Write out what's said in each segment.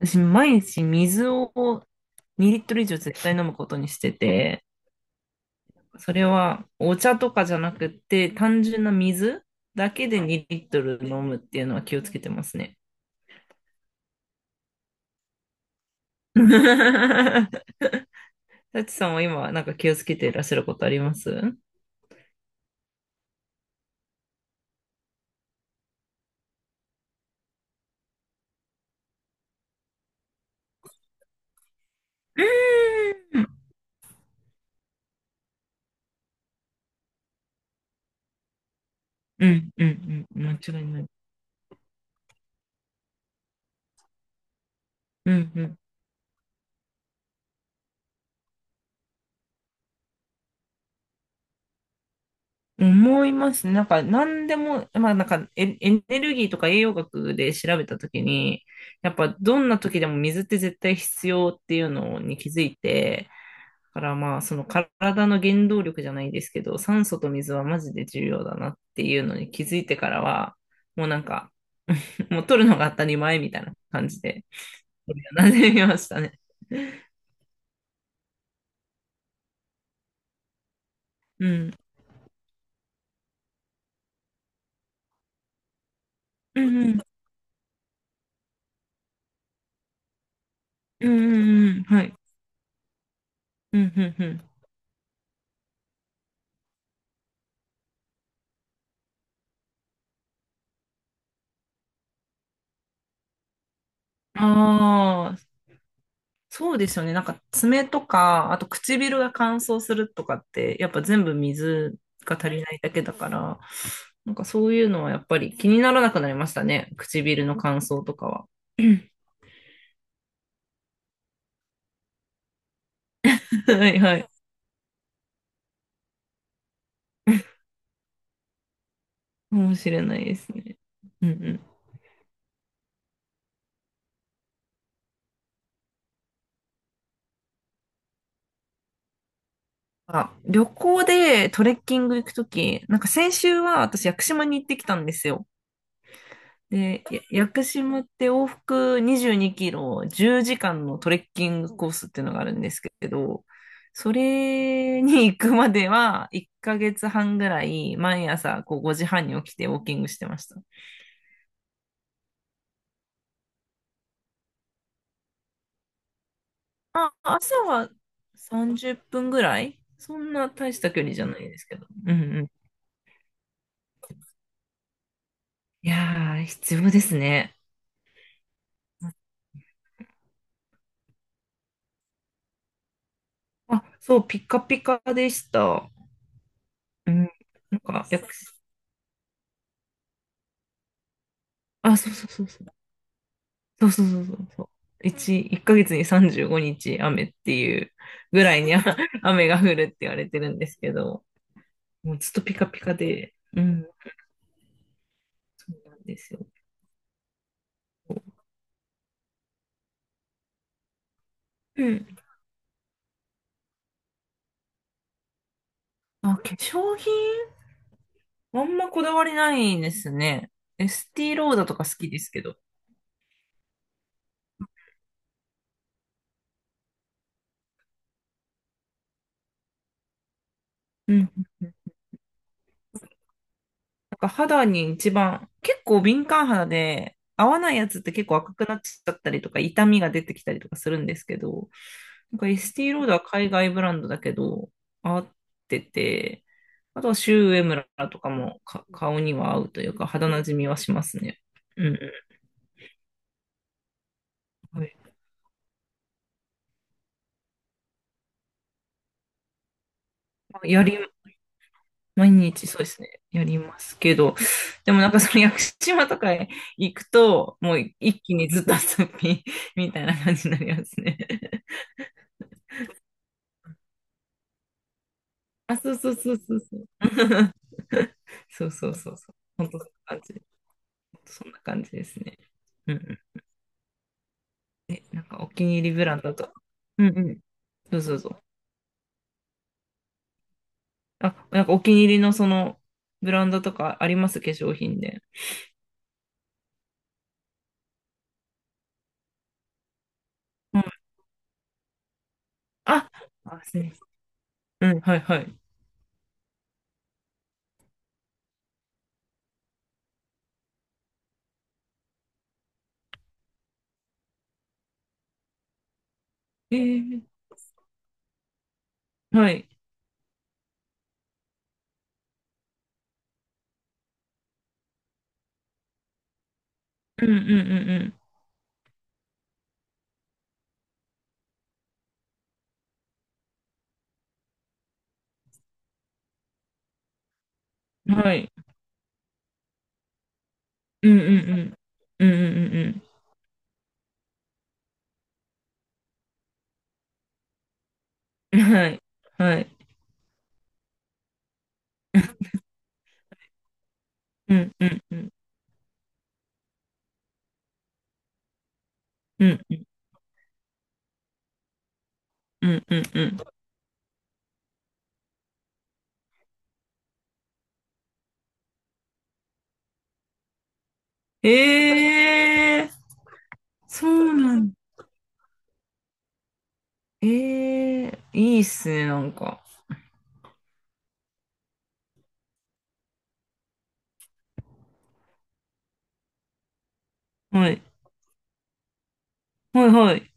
私、毎日水を2リットル以上絶対飲むことにしてて、それはお茶とかじゃなくて、単純な水だけで2リットル飲むっていうのは気をつけてますね。タチさんは今、なんか気をつけていらっしゃることありますう？ーんうんうんうん、間違いない。うんうん思います。ねなんか、何でも、まあ、なんかエネルギーとか栄養学で調べたときに、やっぱ、どんな時でも水って絶対必要っていうのに気づいて、だからまあ、その体の原動力じゃないですけど、酸素と水はマジで重要だなっていうのに気づいてからは、もうなんか、もう取るのが当たり前みたいな感じで、なじみましたね。うん。うんうん。うんうんうん。はい。うんうんうん。ああ、そうですよね。なんか爪とか、あと唇が乾燥するとかって、やっぱ全部水が足りないだけだから、なんかそういうのはやっぱり気にならなくなりましたね。唇の乾燥とかは。はいはい。かもしれないですね。うんうん。あ、旅行でトレッキング行くとき、なんか先週は私屋久島に行ってきたんですよ。で、屋久島って往復22キロ10時間のトレッキングコースっていうのがあるんですけど、それに行くまでは1ヶ月半ぐらい毎朝こう5時半に起きてウォーキングしてました。まあ、朝は30分ぐらいそんな大した距離じゃないですけど。うんうん。いやー、必要ですね。あ、そう、ピカピカでした。うん。なんか、あ、そうそうそうそう。そうそうそうそうそう。一ヶ月に35日雨っていうぐらいにあ 雨が降るって言われてるんですけど、もうずっとピカピカで、うん、そうなんですよ。うん。あ、化粧品あんまこだわりないですね。エスティローダとか好きですけど。うん。なんか肌に一番、結構敏感肌で、合わないやつって結構赤くなっちゃったりとか、痛みが出てきたりとかするんですけど、なんかエスティ t ロードは海外ブランドだけど、合ってて、あとはシュウエムラとかも顔には合うというか、肌なじみはしますね。うんうん。はい、まあ毎日そうですね。やりますけど、でもなんかその屋久島とかへ行くと、もう一気にずっと遊び みたいな感じになりますね。あ、そうそうそうそうそう。そうそうそうそう。本当そんな感じ。本当そんな感じですね。うん、お気に入りブランドとか。うんうん。そうそうそう。あ、なんかお気に入りのそのブランドとかあります化粧品で？うん、あ、あ、すみません。うん、はいはい。えー、はい。うんうんうんうん。はい。うんうんうん。うんうんうんうん。はい。はい。うんうんうんうんうんうんうんうん。えー、そうなんだ。いいっすね、なんか。はい。はいはい。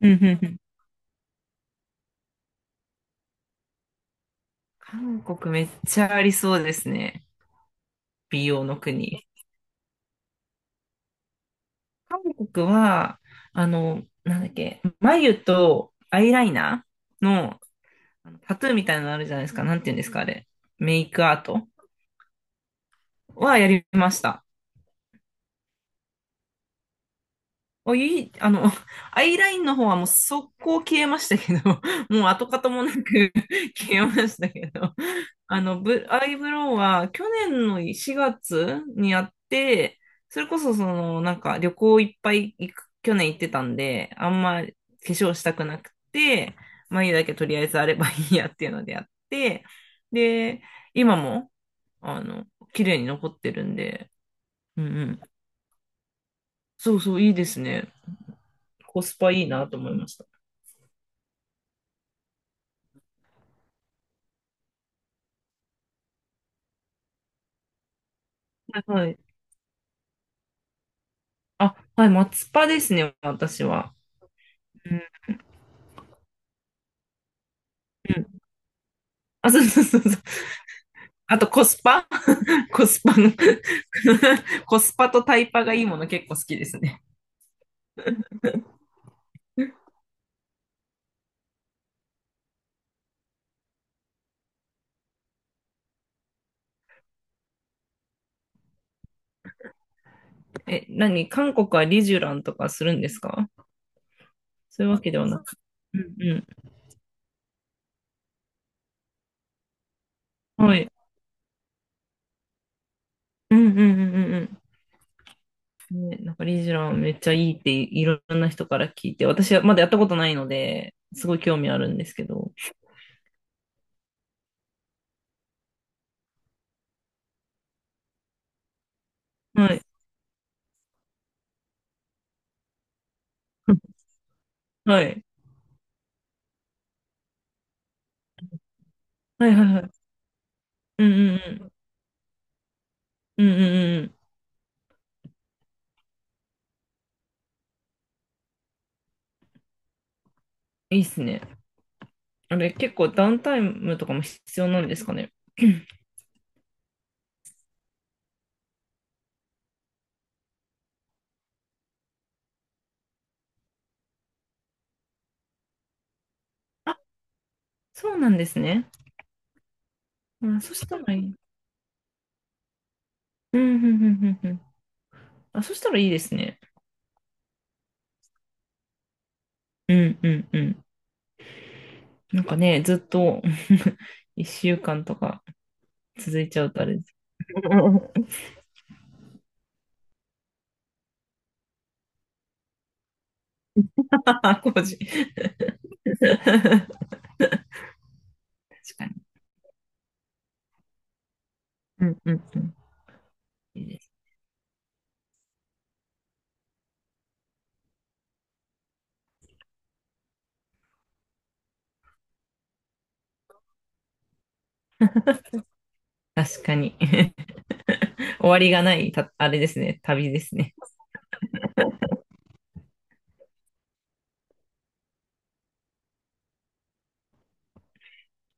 うんうんうん。韓国めっちゃありそうですね。美容の国。韓国は、あの、なんだっけ、眉とアイライナーのあのタトゥーみたいなのあるじゃないですか。なんて言うんですか、あれ。メイクアートはやりました。おいい、あの、アイラインの方はもう速攻消えましたけど、もう跡形もなく 消えましたけど、あの、アイブロウは去年の4月にやって、それこそその、なんか旅行いっぱい行く、去年行ってたんで、あんま化粧したくなくて、眉だけとりあえずあればいいやっていうのでやって、で、今も、あの、綺麗に残ってるんで、うんうん、そうそう、いいですね。コスパいいなと思いました。はいはい。あ、はい、松パですね、私は。うんうん。あ、そうそうそうそう。あとコスパ コスパの コスパとタイパがいいもの結構好きですね。え、何韓国はリジュランとかするんですか？そういうわけではなく。うんうん。はい。うんうんうんうんうん。ね、なんかリジュランめっちゃいいっていろんな人から聞いて、私はまだやったことないので、すごい興味あるんですけど。はい。はい。はいはいはい。うんうんうん。うんうんうんうんうんうん、いいっすね。あれ、結構ダウンタイムとかも必要なんですかね。あ、そうなんですね。あ、そしたらいい。うん、うん、うん、うん。うん、あ、そしたらいいですね。うん、うん、うん。なんかね、ずっと 1週間とか続いちゃうとあれですけど。うんうん、あ、工事。確かに。うん、うん、うん。いいです、確かに。終わりがないた、あれですね。旅ですね。